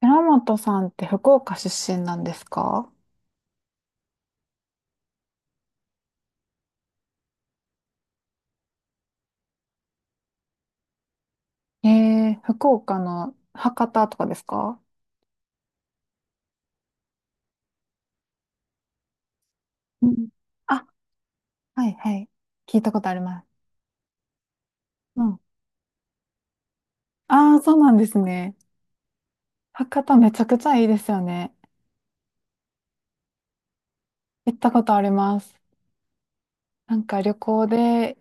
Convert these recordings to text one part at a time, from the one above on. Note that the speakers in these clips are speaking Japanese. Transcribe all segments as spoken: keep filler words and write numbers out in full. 寺本さんって福岡出身なんですか？えー、福岡の博多とかですか？うん。あ、はいはい。聞いたことあります。うん。ああ、そうなんですね。博多めちゃくちゃいいですよね。行ったことあります。なんか旅行で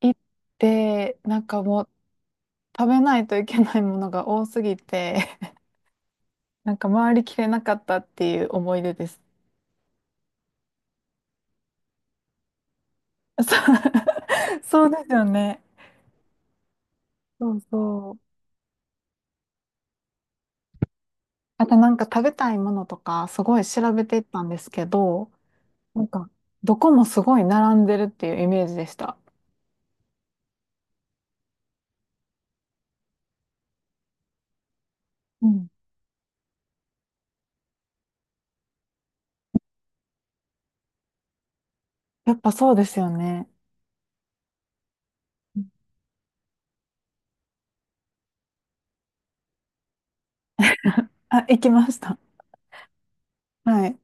行って、なんかもう食べないといけないものが多すぎて、なんか回りきれなかったっていう思い出です。そう そうですよね。そうそう。あとなんか食べたいものとかすごい調べていったんですけど、なんかどこもすごい並んでるっていうイメージでした。うん。やっぱそうですよね。あ、行きました。はい。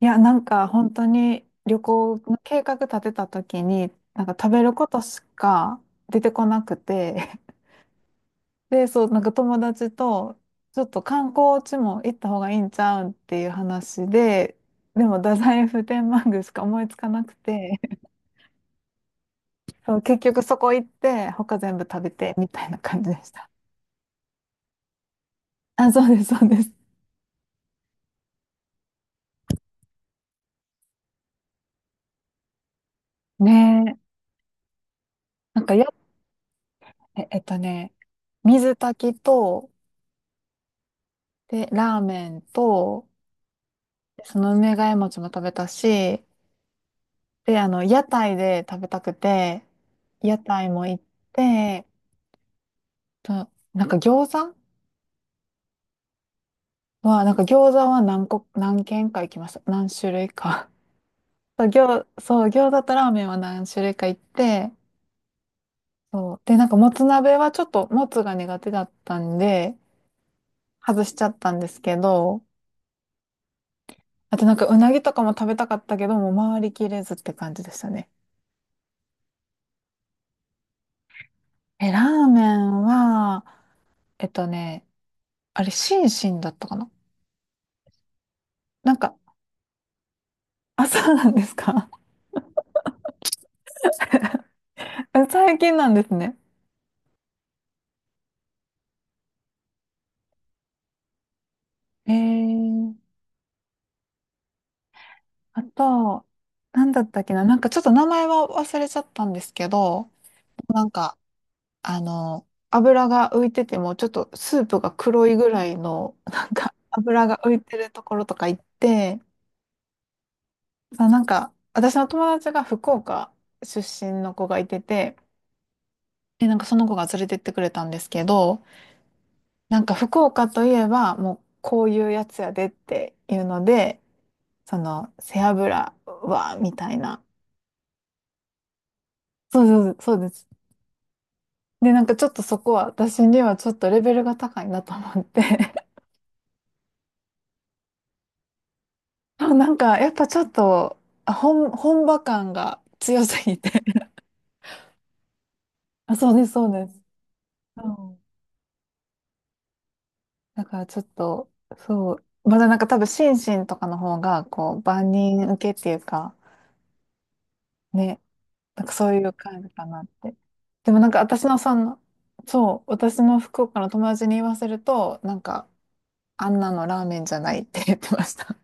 いや、なんか本当に旅行の計画立てた時に、なんか食べることしか出てこなくて、で、そう、なんか友達と、ちょっと観光地も行った方がいいんちゃうんっていう話で、でも太宰府天満宮しか思いつかなくて、そう、結局そこ行って、他全部食べて、みたいな感じでした。あ、そうです、そうです。ねえ。なんかや、え、えっとね、水炊きと、で、ラーメンと、その梅ヶ枝餅も食べたし、で、あの、屋台で食べたくて、屋台も行って、と、なんか餃子は、なんか餃子は何個、何軒か行きました。何種類か。そう、餃、そう、餃子とラーメンは何種類か行って、そう。で、なんか、もつ鍋はちょっと、もつが苦手だったんで、外しちゃったんですけど、あとなんか、うなぎとかも食べたかったけど、もう回りきれずって感じでしたね。え、ラーメンは、えっとね、あれ、シンシンだったかな？なんか、あ、そうなんですか？ え、最近なんですね。えー、あと、なんだったっけな？なんか、ちょっと名前は忘れちゃったんですけど、なんか、あの、油が浮いてても、ちょっとスープが黒いぐらいの、なんか油が浮いてるところとか行って、あ、なんか、私の友達が福岡出身の子がいてて、で、なんかその子が連れてってくれたんですけど、なんか福岡といえば、もうこういうやつやでっていうので、その、背脂は、みたいな。そうそうそうそうです。で、なんかちょっとそこは、私にはちょっとレベルが高いなと思って、あなんか、やっぱちょっと、あ、本、本場感が強すぎて あ、そうです、そうです。うん。だからちょっと、そう。まだなんか多分、心身とかの方が、こう、万人受けっていうか、ね、なんかそういう感じかなって。でもなんか私のその、そう、私の福岡の友達に言わせると、なんか、あんなのラーメンじゃないって言ってました。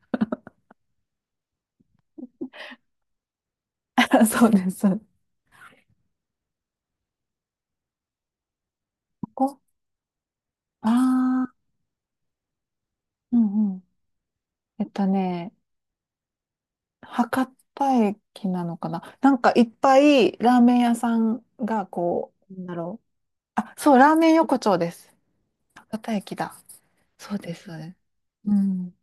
そうです。ここ、ああー、うんうん。えっとね、博多駅なのかな？なんかいっぱいラーメン屋さんがこう、なんだろう。あ、そう、ラーメン横丁です。博多駅だ。そうです、そうです。うん。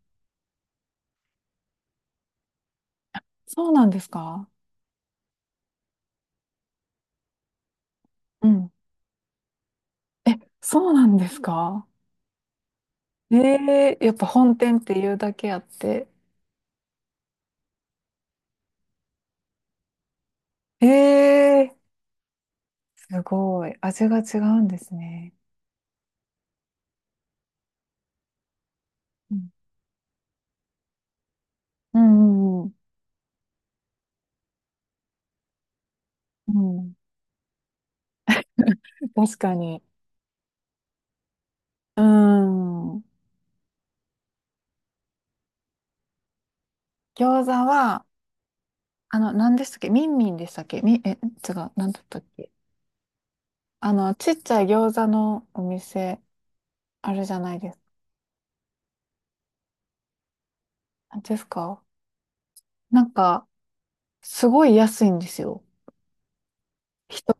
そうなんですか？うん。え、そうなんですか？ええー、やっぱ本店っていうだけあって。ええー、すごい。味が違うんですね。うんうんうんうん。うん、確かに。うん。餃子は、あの、何でしたっけ？ミンミンでしたっけ？み、え、違う、何だったっけ？あの、ちっちゃい餃子のお店、あるじゃないですか。ですかなんか、すごい安いんですよ。人、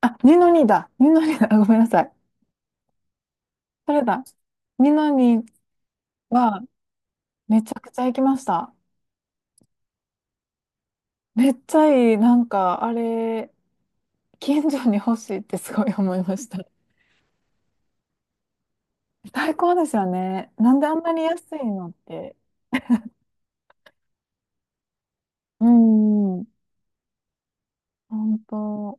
あ、二のにだ。二のにだ。ごめんなさい。それだ。二のには、めちゃくちゃ行きました。めっちゃいい。なんか、あれ、近所に欲しいってすごい思いました。最高ですよね。なんであんなに安いのって。うーん、本当。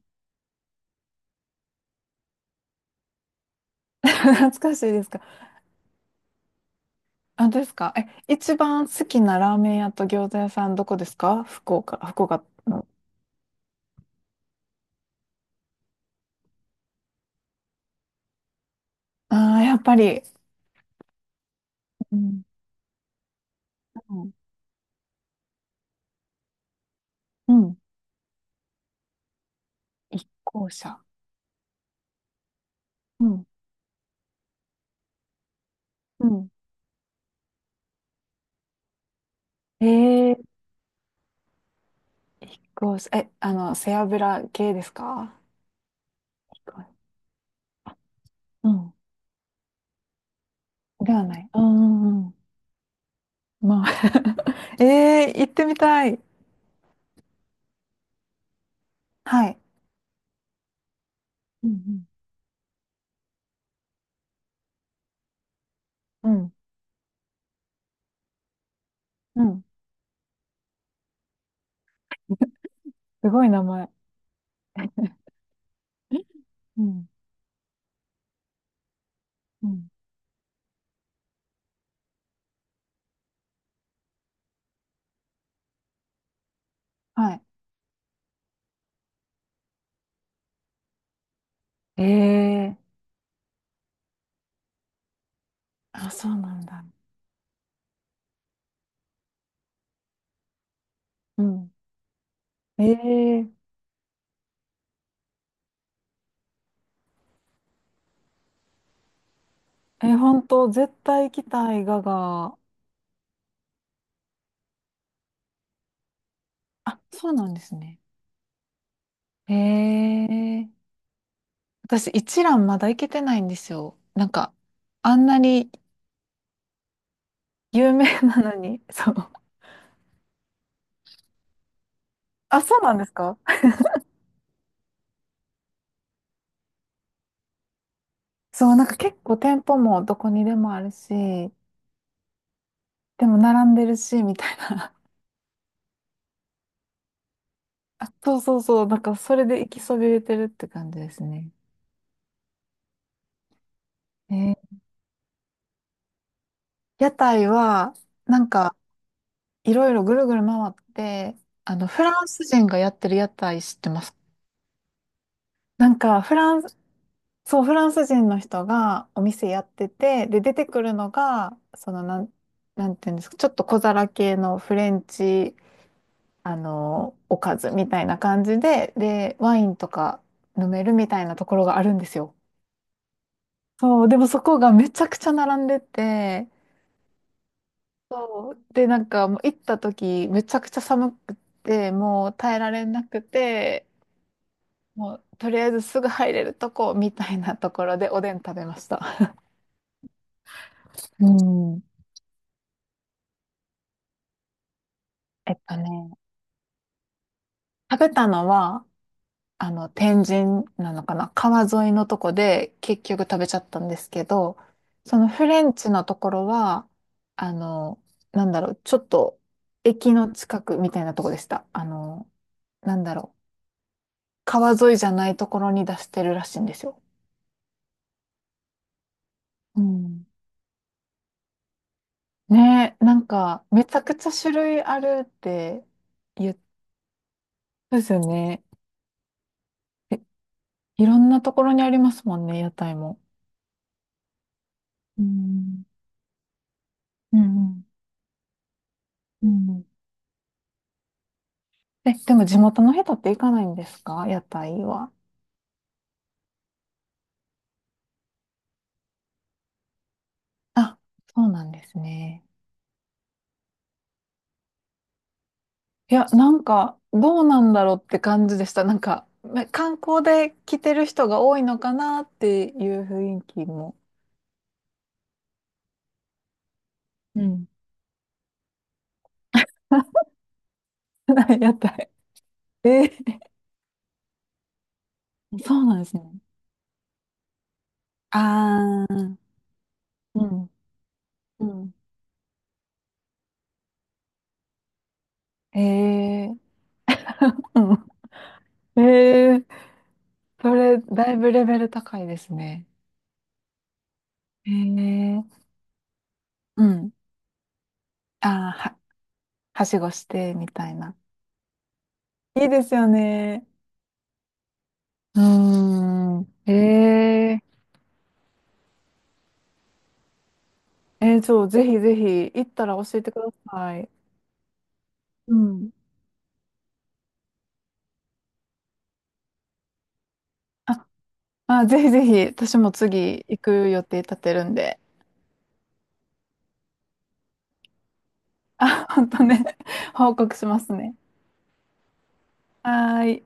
懐かしいですか？あ、ですか？え、一番好きなラーメン屋と餃子屋さんどこですか？福岡、福岡の。ああ、やっぱり。うん。うん。うん、一向車。うん。うん。ええ、一向車。え、あの、背脂系ですか？一向、うん。ではない。うんうんうん。まあ ええ、行ってみたい。はい。うんうん。うん。うん。すごい名前。うん。うん。はい。ええ、あ、そうなんだ。うん。えええ、本当絶対行きたい、ガが、あ、そうなんですね。へえ。私、一蘭まだ行けてないんですよ。なんか、あんなに有名なのに、そう。あ、そうなんですか？ そう、なんか結構店舗もどこにでもあるし、でも並んでるし、みたいな。あ、そうそうそう、なんかそれで行きそびれてるって感じですね。えー屋台は、なんか、いろいろぐるぐる回って、あの、フランス人がやってる屋台知ってます？なんか、フランス、そう、フランス人の人がお店やってて、で、出てくるのが、その、なん、なんていうんですか、ちょっと小皿系のフレンチ、あの、おかずみたいな感じで、で、ワインとか飲めるみたいなところがあるんですよ。そう、でもそこがめちゃくちゃ並んでて、そう、で、なんかもう行った時、めちゃくちゃ寒くて、もう耐えられなくて、もうとりあえずすぐ入れるとこみたいなところでおでん食べました。うん。えっとね、食べたのは、あの、天神なのかな？川沿いのとこで結局食べちゃったんですけど、そのフレンチのところは、あの、なんだろう、ちょっと駅の近くみたいなとこでした。あの、なんだろう、川沿いじゃないところに出してるらしいんですよ。うん。ねえ、なんか、めちゃくちゃ種類あるって言ったですよね。えいろんなところにありますもんね、屋台も。うん。うんうん。うん、え、でも地元の人って行かないんですか？屋台は。あ、そうなんですね。いや、なんか、どうなんだろうって感じでした。なんか、ま観光で来てる人が多いのかなっていう雰囲気も。うん。屋台。えー、そうなんですね。あー、うん、うん。えー、うん。えー、それ、だいぶレベル高いですね。えー、うん。あー、は、はしごして、みたいな。いいですよね。うーん。ええ。えー、そう、ぜひぜひ、行ったら教えてください。うん。あ、まあ、ぜひぜひ、私も次行く予定立てるんで、本当ね、報告しますね。はーい。